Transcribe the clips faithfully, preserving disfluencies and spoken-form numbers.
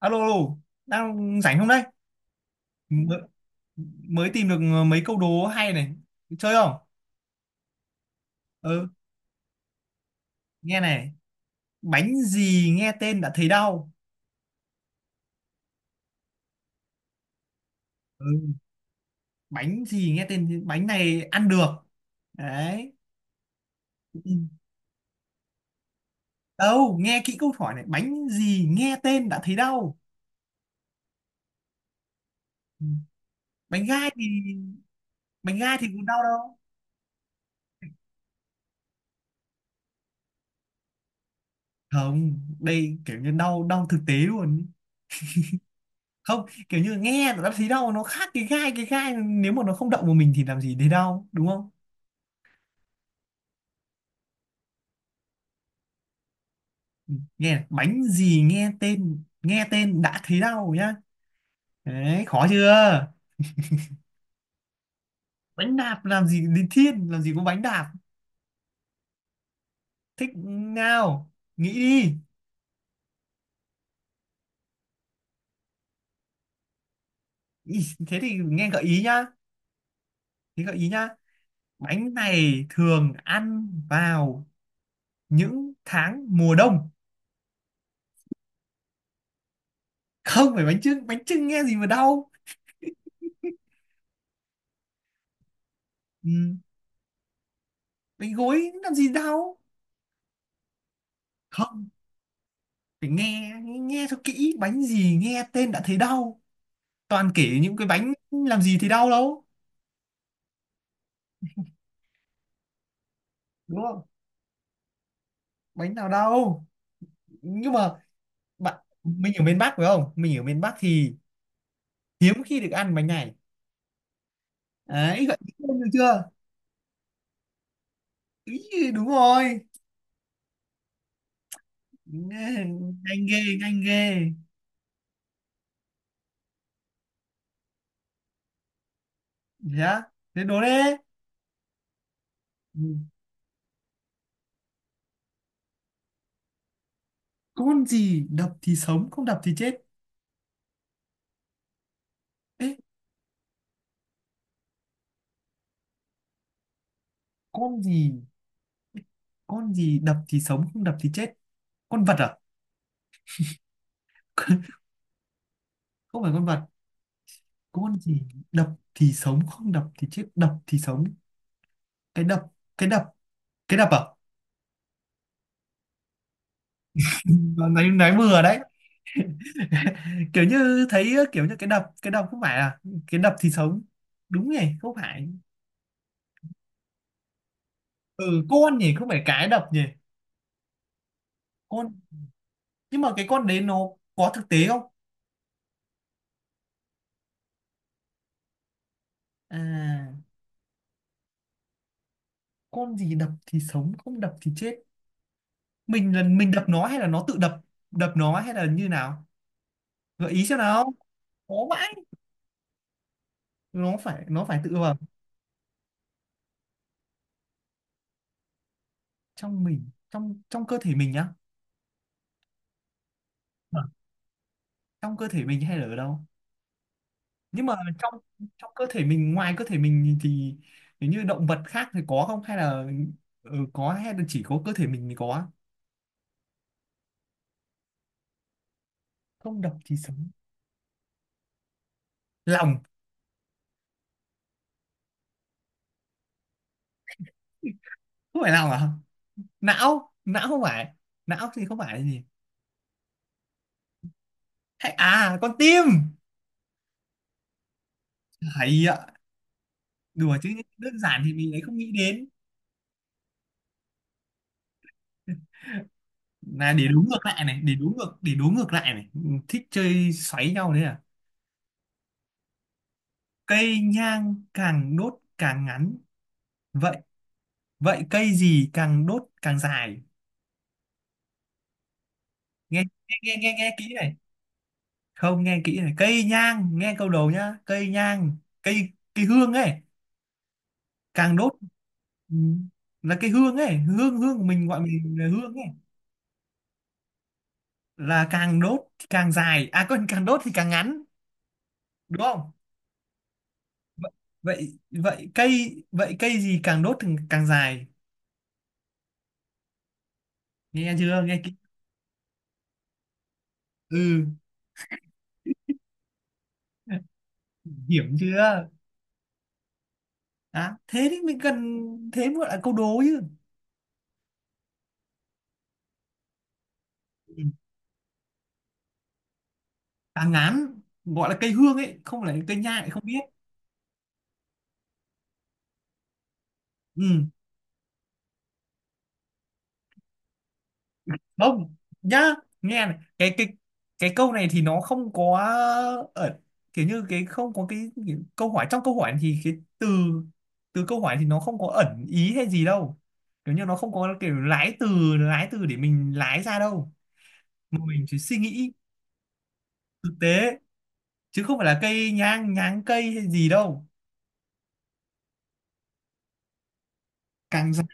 Alo, alo, đang rảnh không đấy? Mới, mới tìm được mấy câu đố hay này. Chơi không? Ừ, nghe này. Bánh gì nghe tên đã thấy đau? Ừ, bánh gì nghe tên, bánh này ăn được. Đấy. Ừ. Đâu, nghe kỹ câu hỏi này. Bánh gì nghe tên đã thấy đau? Ừ. Bánh gai thì, bánh gai thì cũng đau đâu. Không, đây kiểu như đau, đau thực tế luôn. Không, kiểu như nghe đã thấy đau nó khác cái gai, cái gai nếu mà nó không động vào mình thì làm gì thấy đau, đúng không? Nghe bánh gì nghe tên nghe tên đã thấy đau nhá. Đấy, khó chưa? Bánh đạp làm gì đến thiên, làm gì có bánh đạp? Thích nào, nghĩ đi. Ý, thế thì nghe gợi ý nhá, thế gợi ý nhá bánh này thường ăn vào những tháng mùa đông. Không phải bánh chưng, bánh chưng nghe gì mà đau? Ừ. Bánh gối làm gì đau? Không phải, nghe nghe cho kỹ, bánh gì nghe tên đã thấy đau? Toàn kể những cái bánh làm gì thì đau đâu, đúng không? Bánh nào đâu, nhưng mà bạn mình ở miền Bắc phải không? Mình ở miền Bắc thì hiếm khi được ăn bánh này đấy, vậy được chưa? Ý, đúng rồi. Nghe- Nhanh ghê, nhanh ghê. Yeah, thế đố đấy. Ừ, con gì đập thì sống không đập thì chết? Ê, con gì, con gì đập thì sống không đập thì chết? Con vật à? không phải con vật, con gì đập thì sống không đập thì chết, đập thì sống? Cái đập, cái đập cái đập à? Ừ, nãy nãy vừa đấy. kiểu như thấy ờ, kiểu như cái đập, cái đập không phải à? Cái đập thì sống, đúng nhỉ? Không phải, ừ, con nhỉ, không phải cái đập nhỉ. Con, nhưng mà cái con đấy nó có thực tế không? À, con gì đập thì sống không đập thì chết, mình là mình đập nó hay là nó tự đập? Đập nó hay là như nào? Gợi ý xem nào, khó vãi. Nó phải, nó phải tự vào trong mình, trong trong cơ thể mình nhá. Vâng, trong cơ thể mình hay là ở đâu? Nhưng mà trong, trong cơ thể mình, ngoài cơ thể mình thì nếu như động vật khác thì có không hay là, ừ, có hay là chỉ có cơ thể mình mới có? Không độc thì sống. Lòng. Không phải lòng à? Não, não không phải, não thì không phải là gì? Hay à, con tim? Hay ạ, đùa chứ. Đơn giản thì mình ấy không nghĩ đến. Là để đố ngược lại này, để đố ngược để đố ngược lại này. Ừ, thích chơi xoáy nhau đấy à? Cây nhang càng đốt càng ngắn, vậy vậy cây gì càng đốt càng dài? Nghe nghe nghe Nghe, nghe kỹ này, không, nghe kỹ này, cây nhang, nghe câu đầu nhá, cây nhang, cây cây hương ấy, càng đốt, ừ, là cái hương ấy, hương hương của mình, gọi mình là hương ấy, là càng đốt thì càng dài, à quên, càng đốt thì càng ngắn, đúng không? Vậy vậy vậy cây vậy cây gì càng đốt thì càng dài? Nghe chưa, nghe kỹ, ừ, hiểm chưa? À, thế thì mình cần, thế mới gọi là câu đố chứ. Ừ, càng ngắn gọi là cây hương ấy, không phải là cây nhang, lại không biết, ừ. Không nhá, nghe này, cái cái cái câu này thì nó không có ở kiểu như cái, không có cái, cái câu hỏi, trong câu hỏi thì cái từ, từ câu hỏi thì nó không có ẩn ý hay gì đâu. Kiểu như nó không có kiểu lái từ, lái từ để mình lái ra đâu, mà mình chỉ suy nghĩ thực tế, chứ không phải là cây nhang nháng cây hay gì đâu. Càng dài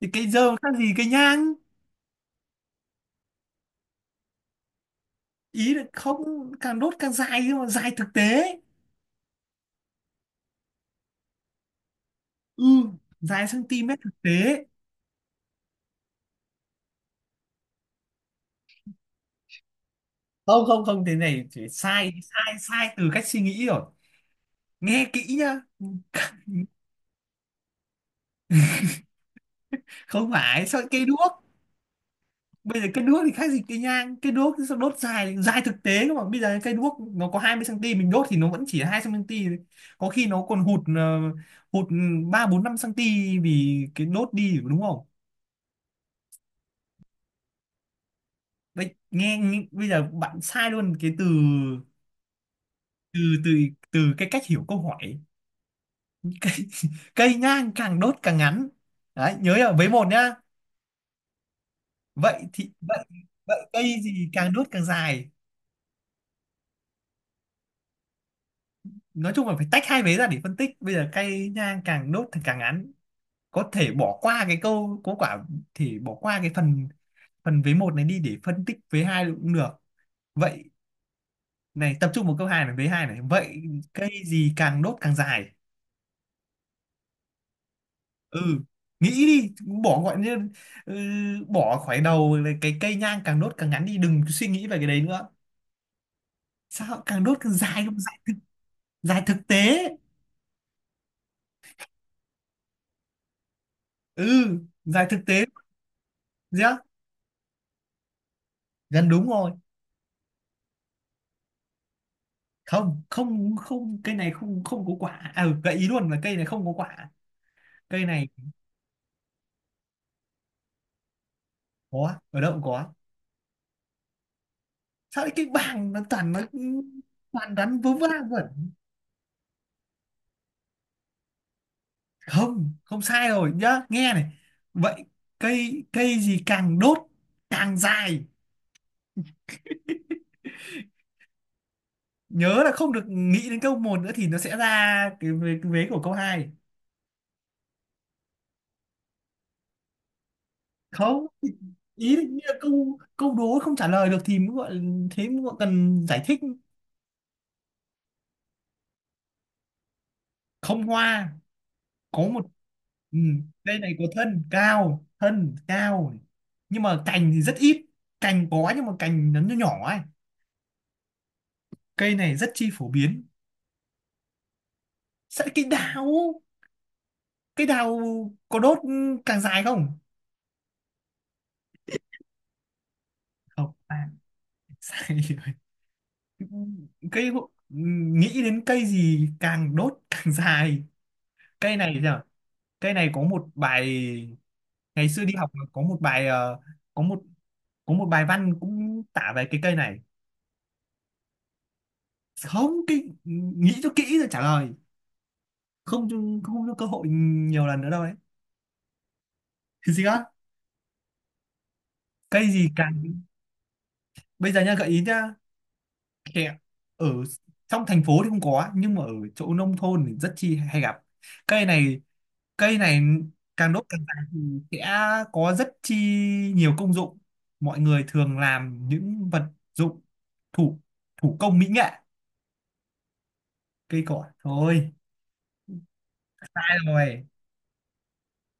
thì cây dơ khác gì cây nhang? Ý là không, càng đốt càng dài nhưng mà dài thực tế, ừ, dài cm thực tế. Không không không, thế này chỉ sai sai sai từ cách suy nghĩ rồi. Nghe kỹ nhá, không phải, sao cây đuốc? Bây giờ cây đuốc thì khác gì cây nhang? Cây đuốc thì sao đốt dài, dài thực tế cơ mà, bây giờ cây đuốc nó có hai mươi xăng ti mét, mình đốt thì nó vẫn chỉ hai xăng ti mét thôi, có khi nó còn hụt, ờ, hụt ba bốn năm cm, vì cái đốt đi, đúng không? Bây, nghe, nghe Bây giờ bạn sai luôn cái từ, từ từ từ cái cách hiểu câu hỏi. cây, cây nhang càng đốt càng ngắn đấy, nhớ nhá, với một nhá. Vậy thì vậy Vậy cây gì càng đốt càng dài? Nói chung là phải tách hai vế ra để phân tích. Bây giờ cây nhang càng đốt thì càng ngắn, có thể bỏ qua cái câu có quả, thì bỏ qua cái phần, phần vế một này đi để phân tích vế hai cũng được. Vậy này, tập trung vào câu hai này, vế hai này, vậy cây gì càng đốt càng dài? Ừ, nghĩ đi, bỏ gọi như, ừ, bỏ khỏi đầu là cái cây nhang càng đốt càng ngắn đi, đừng suy nghĩ về cái đấy nữa. Sao càng đốt càng dài không dài thực, dài thực tế, ừ, giải thực tế. Yeah, gần đúng rồi. Không không không, cây này không, không có quả, à, ừ, gợi ý luôn là cây này không có quả, cây này có ở đâu cũng có. Sao cái bảng nó toàn nó toàn gắn vớ va vẩn. Không không, sai rồi nhá, nghe này, vậy cây, cây gì càng đốt càng dài? Nhớ là không được nghĩ đến câu một nữa thì nó sẽ ra cái vế, cái vế của câu hai. Không, ý là như là câu, câu đố không trả lời được thì mới gọi, thế mới gọi cần giải thích. Không hoa, có một, ừ, đây này, có thân cao, thân cao nhưng mà cành thì rất ít, cành có nhưng mà cành nó nhỏ nhỏ ấy, cây này rất chi phổ biến. Sẵn cây đào cây đào có đốt ừ, càng dài không? Không à, sai rồi. Cây hộ- nghĩ đến cây gì càng đốt càng dài? Cây này thì sao, cây này có một bài, ngày xưa đi học có một bài ờ, có một, có một bài văn cũng tả về cái cây này. Không kỹ, nghĩ cho kỹ rồi trả lời, không cho- không cho cơ hội nhiều lần nữa đâu đấy. Cái gì á, cây gì càng, bây giờ nha, gợi ý nhá, kẹo, ở trong thành phố thì không có, nhưng mà ở chỗ nông thôn thì rất chi hay gặp cây này. Cây này càng đốt càng dài thì sẽ có rất chi nhiều công dụng, mọi người thường làm những vật dụng thủ thủ công mỹ nghệ. Cây cỏ thôi, sai rồi,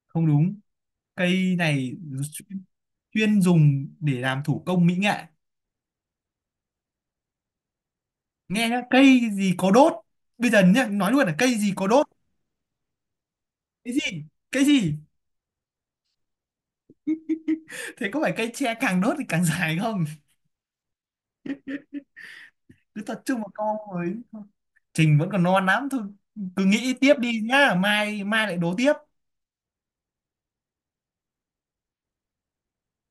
không đúng, cây này chuyên dùng để làm thủ công mỹ nghệ. Nghe nhá, cây gì có đốt, bây giờ nhá, nói luôn là cây gì có đốt? Cái gì, cái gì, thế có phải cây tre càng đốt thì càng dài không? Cứ tập trung vào câu ấy. Trình vẫn còn non lắm thôi, cứ nghĩ tiếp đi nhá, mai mai lại đố tiếp.